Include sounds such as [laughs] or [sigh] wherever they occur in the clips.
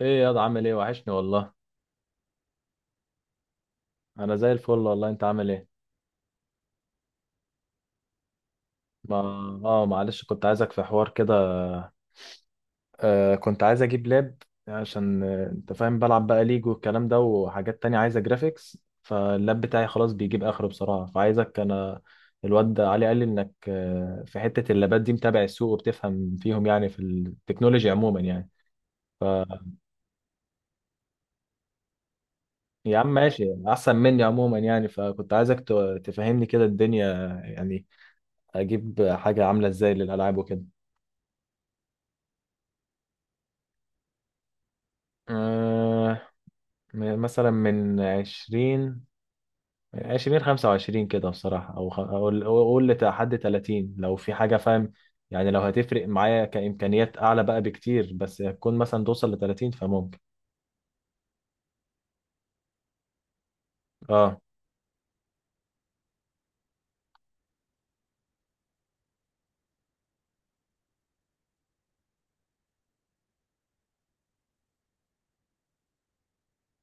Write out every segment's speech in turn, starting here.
ايه يا ده، عامل ايه؟ وحشني والله. انا زي الفل والله، انت عامل ايه؟ ما اه معلش، كنت عايزك في حوار كده. كنت عايز اجيب لاب. عشان انت فاهم، بلعب بقى ليج والكلام ده وحاجات تانية عايزة جرافيكس، فاللاب بتاعي خلاص بيجيب اخره بصراحة، فعايزك انا. الواد ده علي قال لي انك في حتة اللابات دي متابع السوق وبتفهم فيهم، يعني في التكنولوجيا عموما يعني. ف يا عم ماشي، احسن مني عموما يعني، فكنت عايزك تفهمني كده الدنيا. يعني اجيب حاجة عاملة ازاي للالعاب وكده. آه مثلا من عشرين، عشرين خمسة وعشرين كده بصراحة، أو أقول أقول لحد تلاتين لو في حاجة فاهم. يعني لو هتفرق معايا كإمكانيات أعلى بقى بكتير بس هتكون مثلا توصل لتلاتين، فممكن. أه.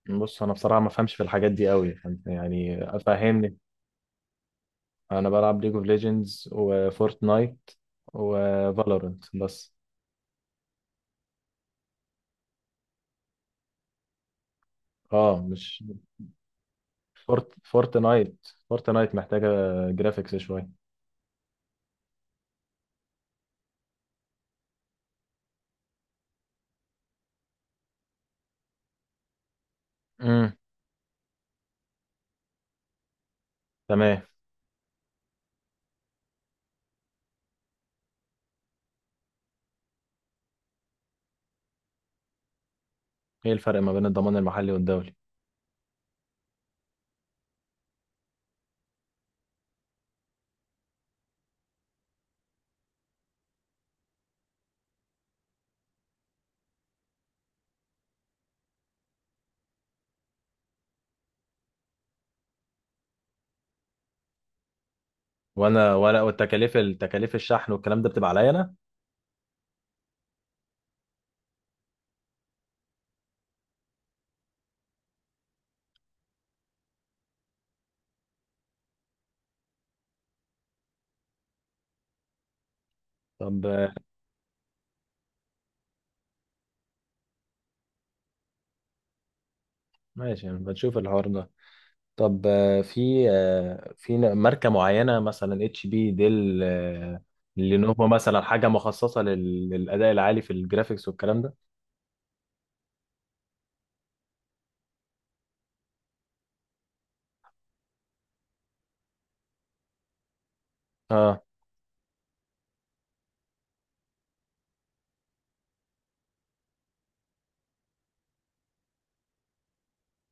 بص، أنا بصراحة ما فهمش في الحاجات دي أوي، فأنت يعني فهمني. أنا بلعب ليج اوف ليجندز وفورتنايت وفالورنت بس. أه، مش، فورتنايت فورتنايت محتاجة جرافيكس شوية. امم. تمام. ايه الفرق ما بين الضمان المحلي والدولي؟ وانا ولا التكاليف الشحن والكلام ده بتبقى عليا انا؟ طب ماشي، يعني بنشوف الحوار ده. طب ماركه معينه مثلا اتش بي، ديل، لينوفو مثلا حاجه مخصصه للاداء العالي في الجرافيكس والكلام ده؟ اه.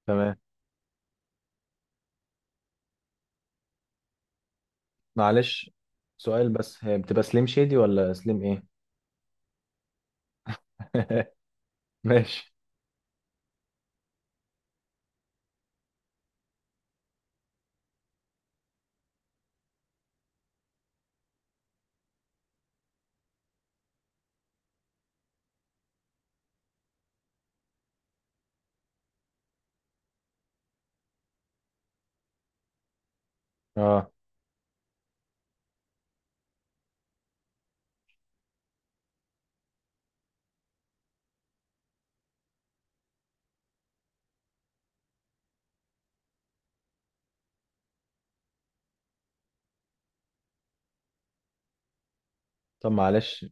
تمام. معلش، سؤال بس، هي بتبقى سليم شادي ولا سليم ايه؟ [laughs] ماشي. اه. طب معلش،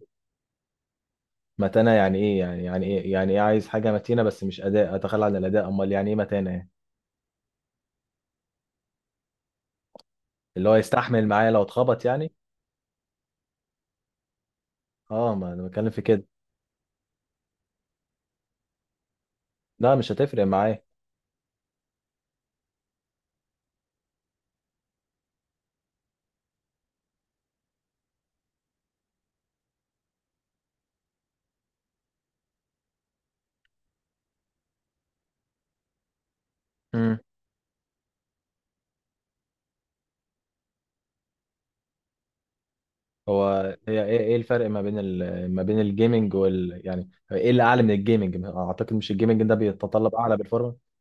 متانه يعني ايه؟ يعني يعني ايه، يعني ايه عايز حاجه متينه بس مش اداء، اتخلى عن الاداء؟ امال يعني ايه متانه يعني؟ اللي هو يستحمل معايا لو اتخبط يعني؟ اه، ما انا بتكلم في كده. لا مش هتفرق معايا. امم. هو هي ايه؟ الفرق ما بين ما بين الجيمنج يعني ايه اللي اعلى من الجيمنج؟ اعتقد مش الجيمنج ده بيتطلب اعلى بالفورمه.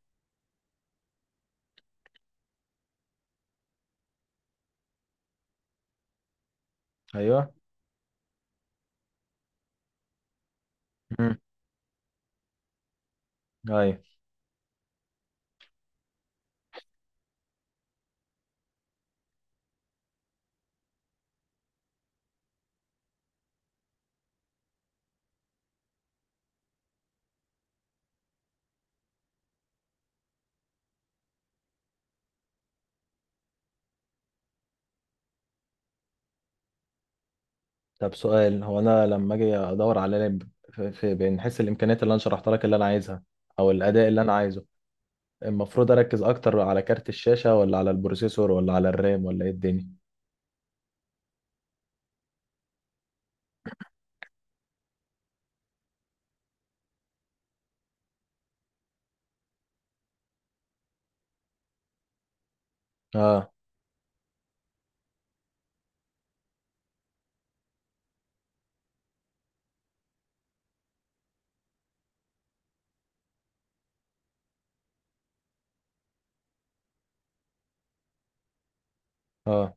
ايوه. امم. ايوه. طب سؤال، هو انا لما اجي ادور على لعب، بنحس الامكانيات اللي انا شرحتها لك اللي انا عايزها، او الاداء اللي انا عايزه، المفروض اركز اكتر على كارت الشاشه ولا على البروسيسور ولا على الرام ولا ايه الدنيا؟ اه. اه.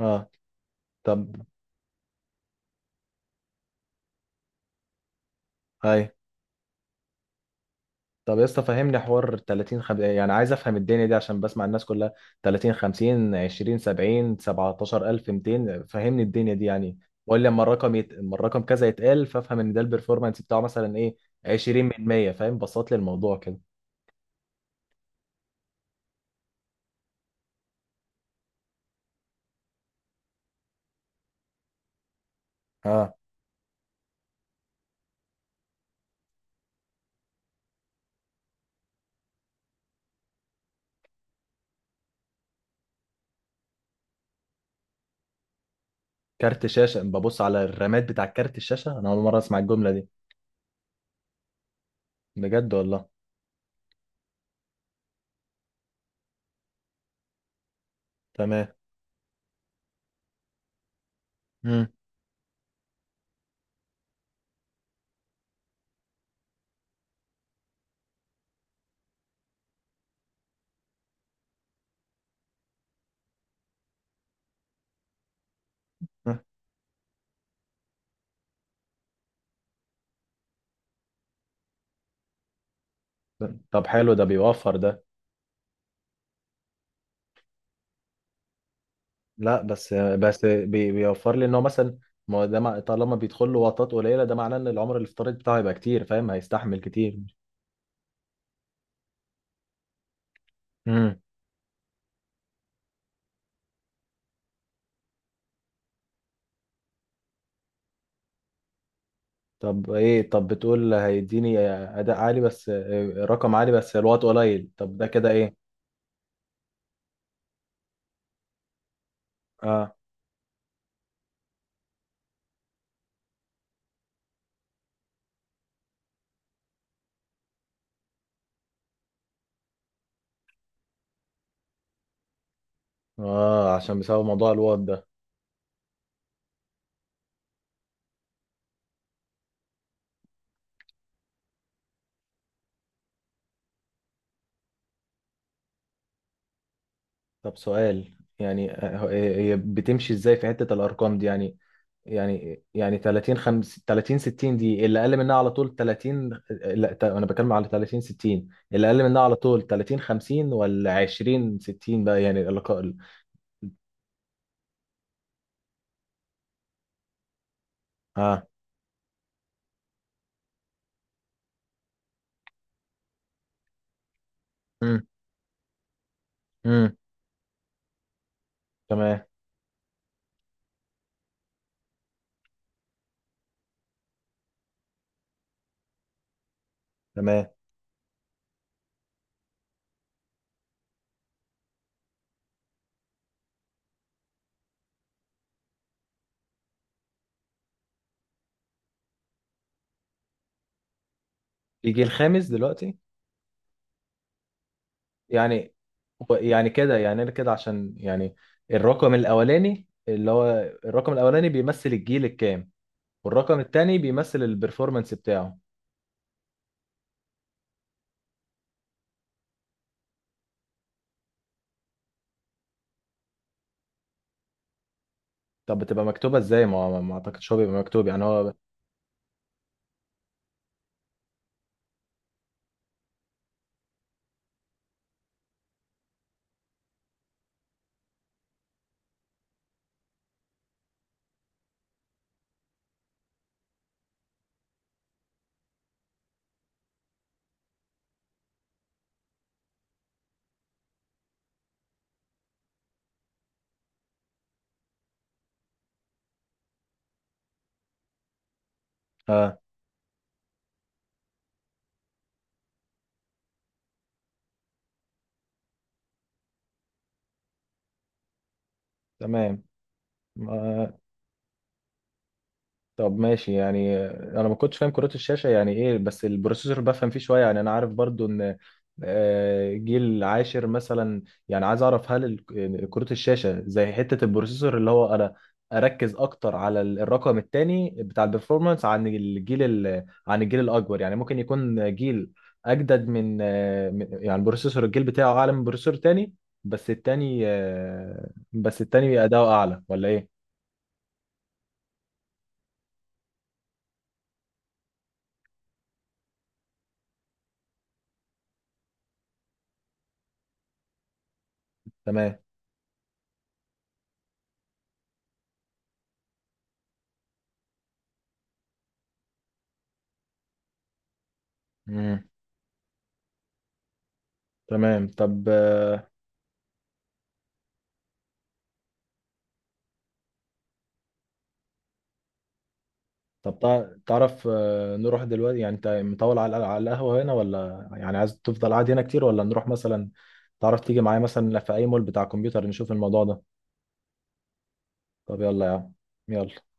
اه. طب. ايوه. طب يا اسطى فهمني حوار، 30 يعني عايز افهم الدنيا دي عشان بسمع الناس كلها، 30 50 20 70 17200، فهمني الدنيا دي يعني. ولا لما الرقم لما الرقم كذا يتقال فافهم ان ده البرفورمانس بتاعه مثلا ايه، 20 من 100، فاهم، بسط لي الموضوع كده. اه. كارت شاشه ببص على الرامات بتاع كارت الشاشه؟ انا اول مره اسمع الجمله دي. بجد والله؟ تمام. امم. طب حلو، ده بيوفر ده. لا بس بيوفر لي ان هو مثلا، ما هو ده طالما بيدخل له وطات قليله ده معناه ان العمر الافتراضي بتاعه هيبقى كتير، فاهم، هيستحمل كتير. امم. طب ايه، طب بتقول هيديني اداء عالي بس رقم عالي بس الوات قليل، طب ده كده ايه؟ اه. اه، عشان بسبب موضوع الوات ده. طب سؤال، يعني هي بتمشي ازاي في حته الارقام دي يعني 30 50 30 60 دي اللي اقل منها على طول 30، لا انا بتكلم على 30 60 اللي اقل منها على طول 30 50 ولا 20 60 بقى يعني اللقاء. اه. امم. امم. تمام. تمام. يجي الخامس دلوقتي يعني. يعني كده يعني انا كده عشان يعني الرقم الاولاني اللي هو الرقم الاولاني بيمثل الجيل الكام، والرقم التاني بيمثل البرفورمانس بتاعه. طب بتبقى مكتوبة ازاي؟ ما اعتقدش هو بيبقى مكتوب يعني هو. اه. تمام. ما طب ماشي، يعني انا ما كنتش فاهم كروت الشاشه يعني ايه، بس البروسيسور بفهم فيه شويه يعني، انا عارف برضو ان جيل عاشر مثلا. يعني عايز اعرف، هل كروت الشاشه زي حته البروسيسور، اللي هو انا اركز اكتر على الرقم الثاني بتاع البرفورمانس عن الجيل عن الجيل الاكبر؟ يعني ممكن يكون جيل اجدد من يعني بروسيسور الجيل بتاعه اعلى من بروسيسور تاني، بس التاني بس التاني اداؤه اعلى، ولا ايه؟ تمام. تمام. طب. طب تعرف، نروح دلوقتي؟ يعني انت مطول على القهوة هنا ولا يعني عايز تفضل قاعد هنا كتير، ولا نروح مثلا، تعرف تيجي معايا مثلا في اي مول بتاع كمبيوتر نشوف الموضوع ده. طب يلا يا عم، يلا.